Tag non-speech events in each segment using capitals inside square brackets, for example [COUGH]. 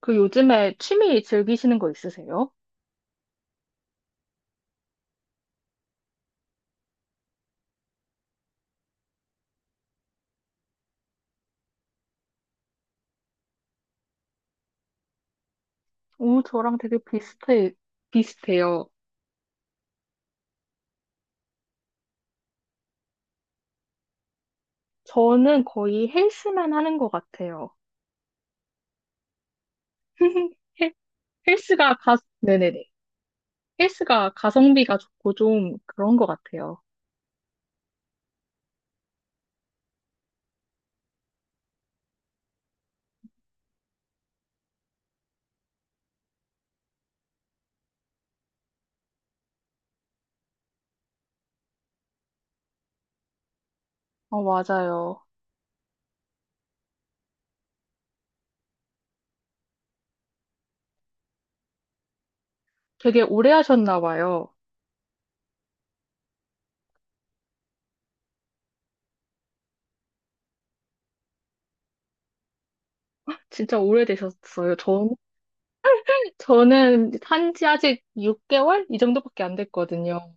그 요즘에 취미 즐기시는 거 있으세요? 오, 저랑 되게 비슷해요. 저는 거의 헬스만 하는 것 같아요. [LAUGHS] 헬- 헬스가 네네네. 헬스가 가성비가 좋고 좀 그런 것 같아요. 어, 맞아요. 되게 오래 하셨나 봐요. [LAUGHS] 진짜 오래되셨어요. 저는 한 지 아직 6개월? 이 정도밖에 안 됐거든요.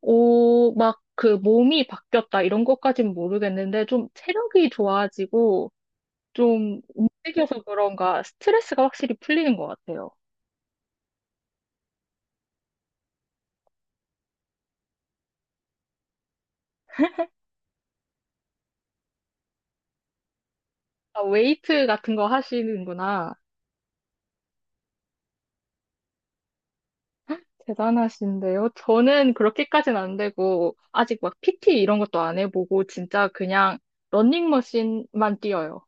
오, 막 그 몸이 바뀌었다 이런 것까진 모르겠는데 좀 체력이 좋아지고 좀 움직여서 그런가 스트레스가 확실히 풀리는 것 같아요. 아, 웨이트 같은 거 하시는구나. 대단하신데요. 저는 그렇게까지는 안 되고, 아직 막 PT 이런 것도 안 해보고, 진짜 그냥 러닝머신만 뛰어요.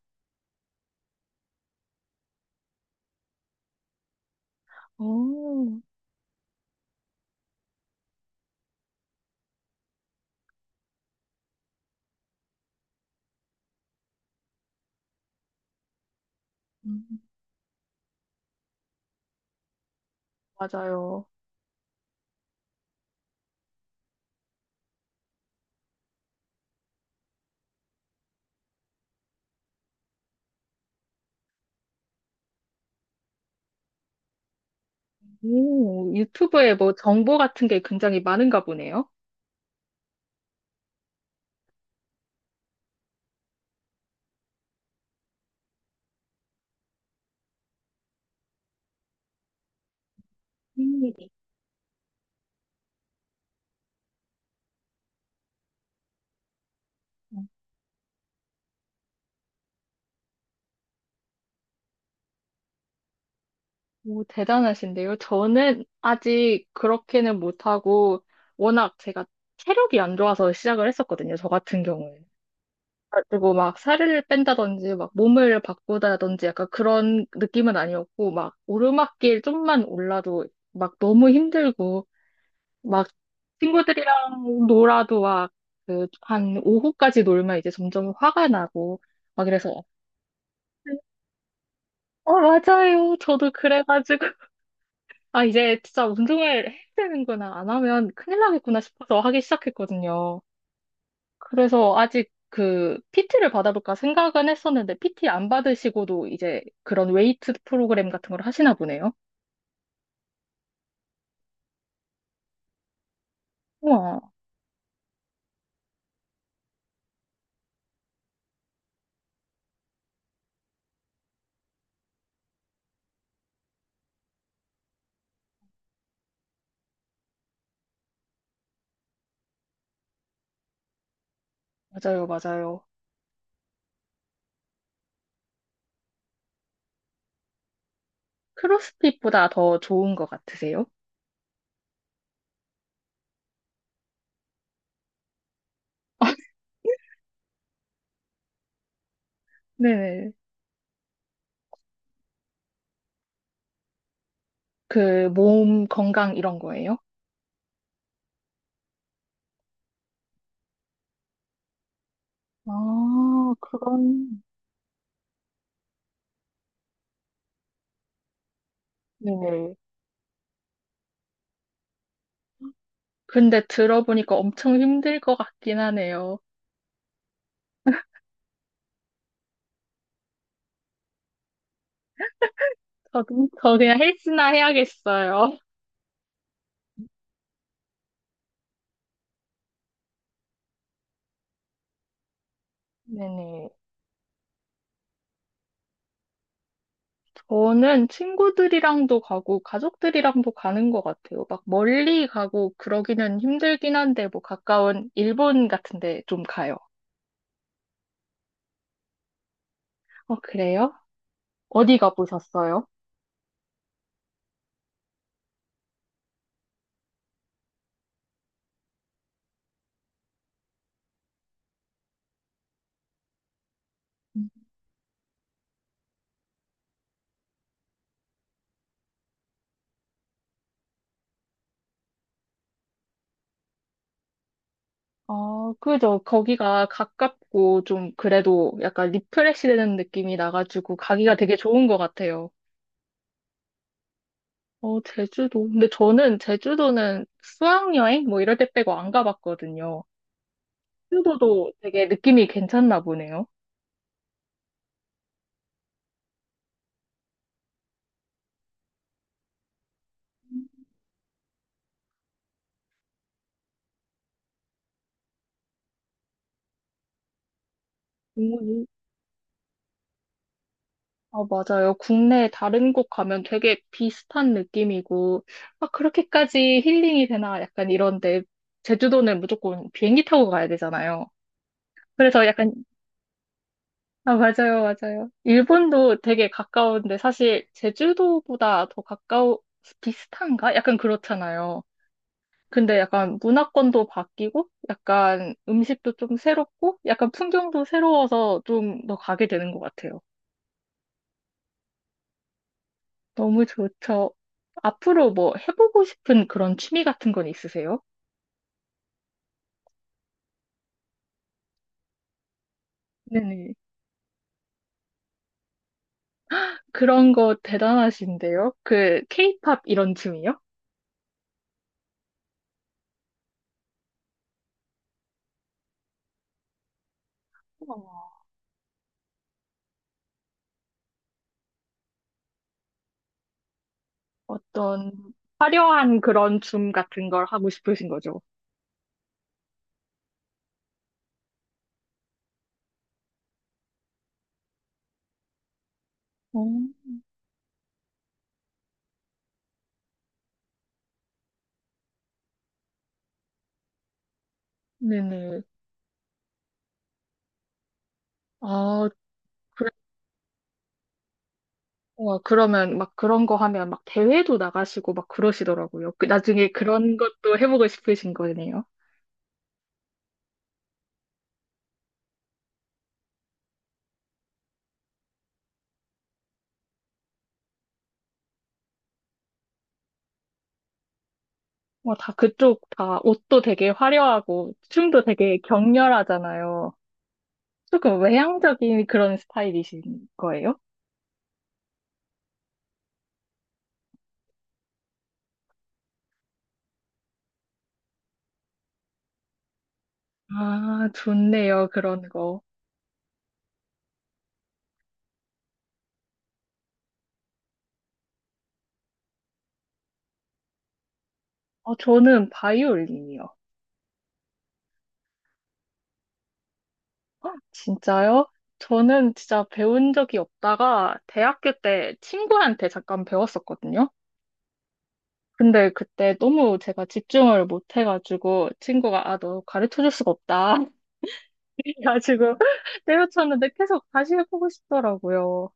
오, 음, 맞아요. 오, 유튜브에 뭐 정보 같은 게 굉장히 많은가 보네요. 음. 오, 대단하신데요. 저는 아직 그렇게는 못하고, 워낙 제가 체력이 안 좋아서 시작을 했었거든요. 저 같은 경우에는. 그리고 막 살을 뺀다든지, 막 몸을 바꾸다든지 약간 그런 느낌은 아니었고, 막 오르막길 좀만 올라도 막 너무 힘들고, 막 친구들이랑 놀아도 막 그 한 오후까지 놀면 이제 점점 화가 나고, 막 이래서, 어, 맞아요. 저도 그래가지고. 아, 이제 진짜 운동을 해야 되는구나. 안 하면 큰일 나겠구나 싶어서 하기 시작했거든요. 그래서 아직 그 PT를 받아볼까 생각은 했었는데 PT 안 받으시고도 이제 그런 웨이트 프로그램 같은 걸 하시나 보네요. 우와, 맞아요, 맞아요. 크로스핏보다 더 좋은 것 같으세요? 네네. 그 몸 건강 이런 거예요? 아, 그런, 네네. 근데 들어보니까 엄청 힘들 것 같긴 하네요. 저 그냥 헬스나 해야겠어요. 네네. 저는 친구들이랑도 가고 가족들이랑도 가는 것 같아요. 막 멀리 가고 그러기는 힘들긴 한데 뭐 가까운 일본 같은 데 좀 가요. 어, 그래요? 어디 가보셨어요? 어, 그죠. 거기가 가깝고 좀 그래도 약간 리프레시 되는 느낌이 나가지고 가기가 되게 좋은 것 같아요. 어, 제주도. 근데 저는 제주도는 수학여행 뭐 이럴 때 빼고 안 가봤거든요. 제주도도 되게 느낌이 괜찮나 보네요. 오, 어, 맞아요. 국내 다른 곳 가면 되게 비슷한 느낌이고, 아, 그렇게까지 힐링이 되나? 약간 이런데, 제주도는 무조건 비행기 타고 가야 되잖아요. 그래서 약간, 아, 맞아요, 맞아요. 일본도 되게 가까운데, 사실 제주도보다 더 가까워, 비슷한가? 약간 그렇잖아요. 근데 약간 문화권도 바뀌고, 약간 음식도 좀 새롭고, 약간 풍경도 새로워서 좀 더 가게 되는 것 같아요. 너무 좋죠. 앞으로 뭐 해보고 싶은 그런 취미 같은 건 있으세요? 네네. 그런 거 대단하신데요? 그 케이팝 이런 춤이요? 어, 어떤 화려한 그런 춤 같은 걸 하고 싶으신 거죠? 어, 네네. 아, 그래. 와, 그러면 막 그런 거 하면 막 대회도 나가시고 막 그러시더라고요. 그 나중에 그런 것도 해보고 싶으신 거네요. 와, 다 그쪽 다 옷도 되게 화려하고 춤도 되게 격렬하잖아요. 조금 외향적인 그런 스타일이신 거예요? 아, 좋네요. 그런 거. 어, 저는 바이올린이요. 헉, 진짜요? 저는 진짜 배운 적이 없다가 대학교 때 친구한테 잠깐 배웠었거든요. 근데 그때 너무 제가 집중을 못 해가지고 친구가 아, 너 가르쳐 줄 수가 없다. [LAUGHS] 그래가지고 [LAUGHS] 때려쳤는데 계속 다시 해보고 싶더라고요.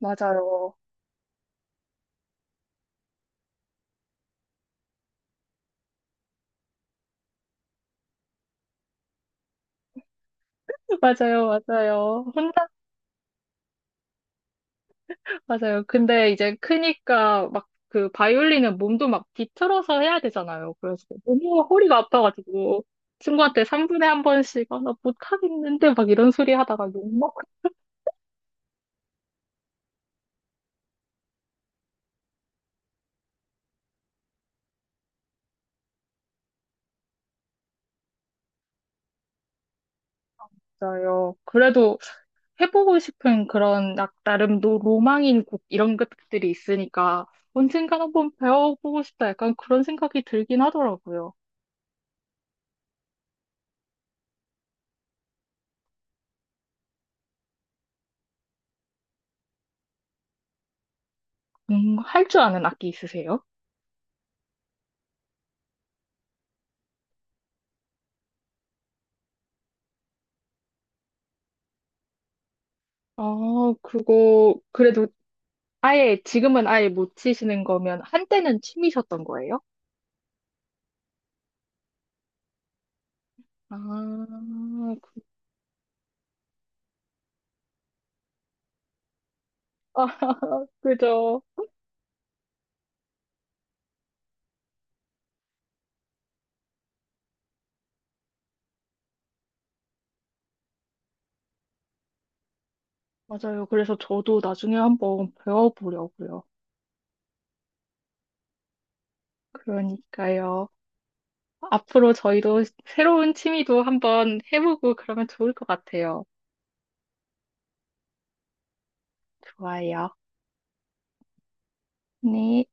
맞아요. [LAUGHS] 맞아요. 근데 이제 크니까 막 그 바이올린은 몸도 막 뒤틀어서 해야 되잖아요. 그래서 너무 허리가 아파가지고 친구한테 3분에 한 번씩 아, 나 못하겠는데 막 이런 소리 하다가 욕먹었어요. 그래도 해보고 싶은 그런 나름 로망인 곡 이런 것들이 있으니까 언젠간 한번 배워보고 싶다 약간 그런 생각이 들긴 하더라고요. 할 줄 아는 악기 있으세요? 아, 그거 그래도 아예, 지금은 아예 못 치시는 거면, 한때는 취미셨던 거예요? 아, 그- 아, 그죠. 맞아요. 그래서 저도 나중에 한번 배워보려고요. 그러니까요. 앞으로 저희도 새로운 취미도 한번 해보고 그러면 좋을 것 같아요. 좋아요. 네.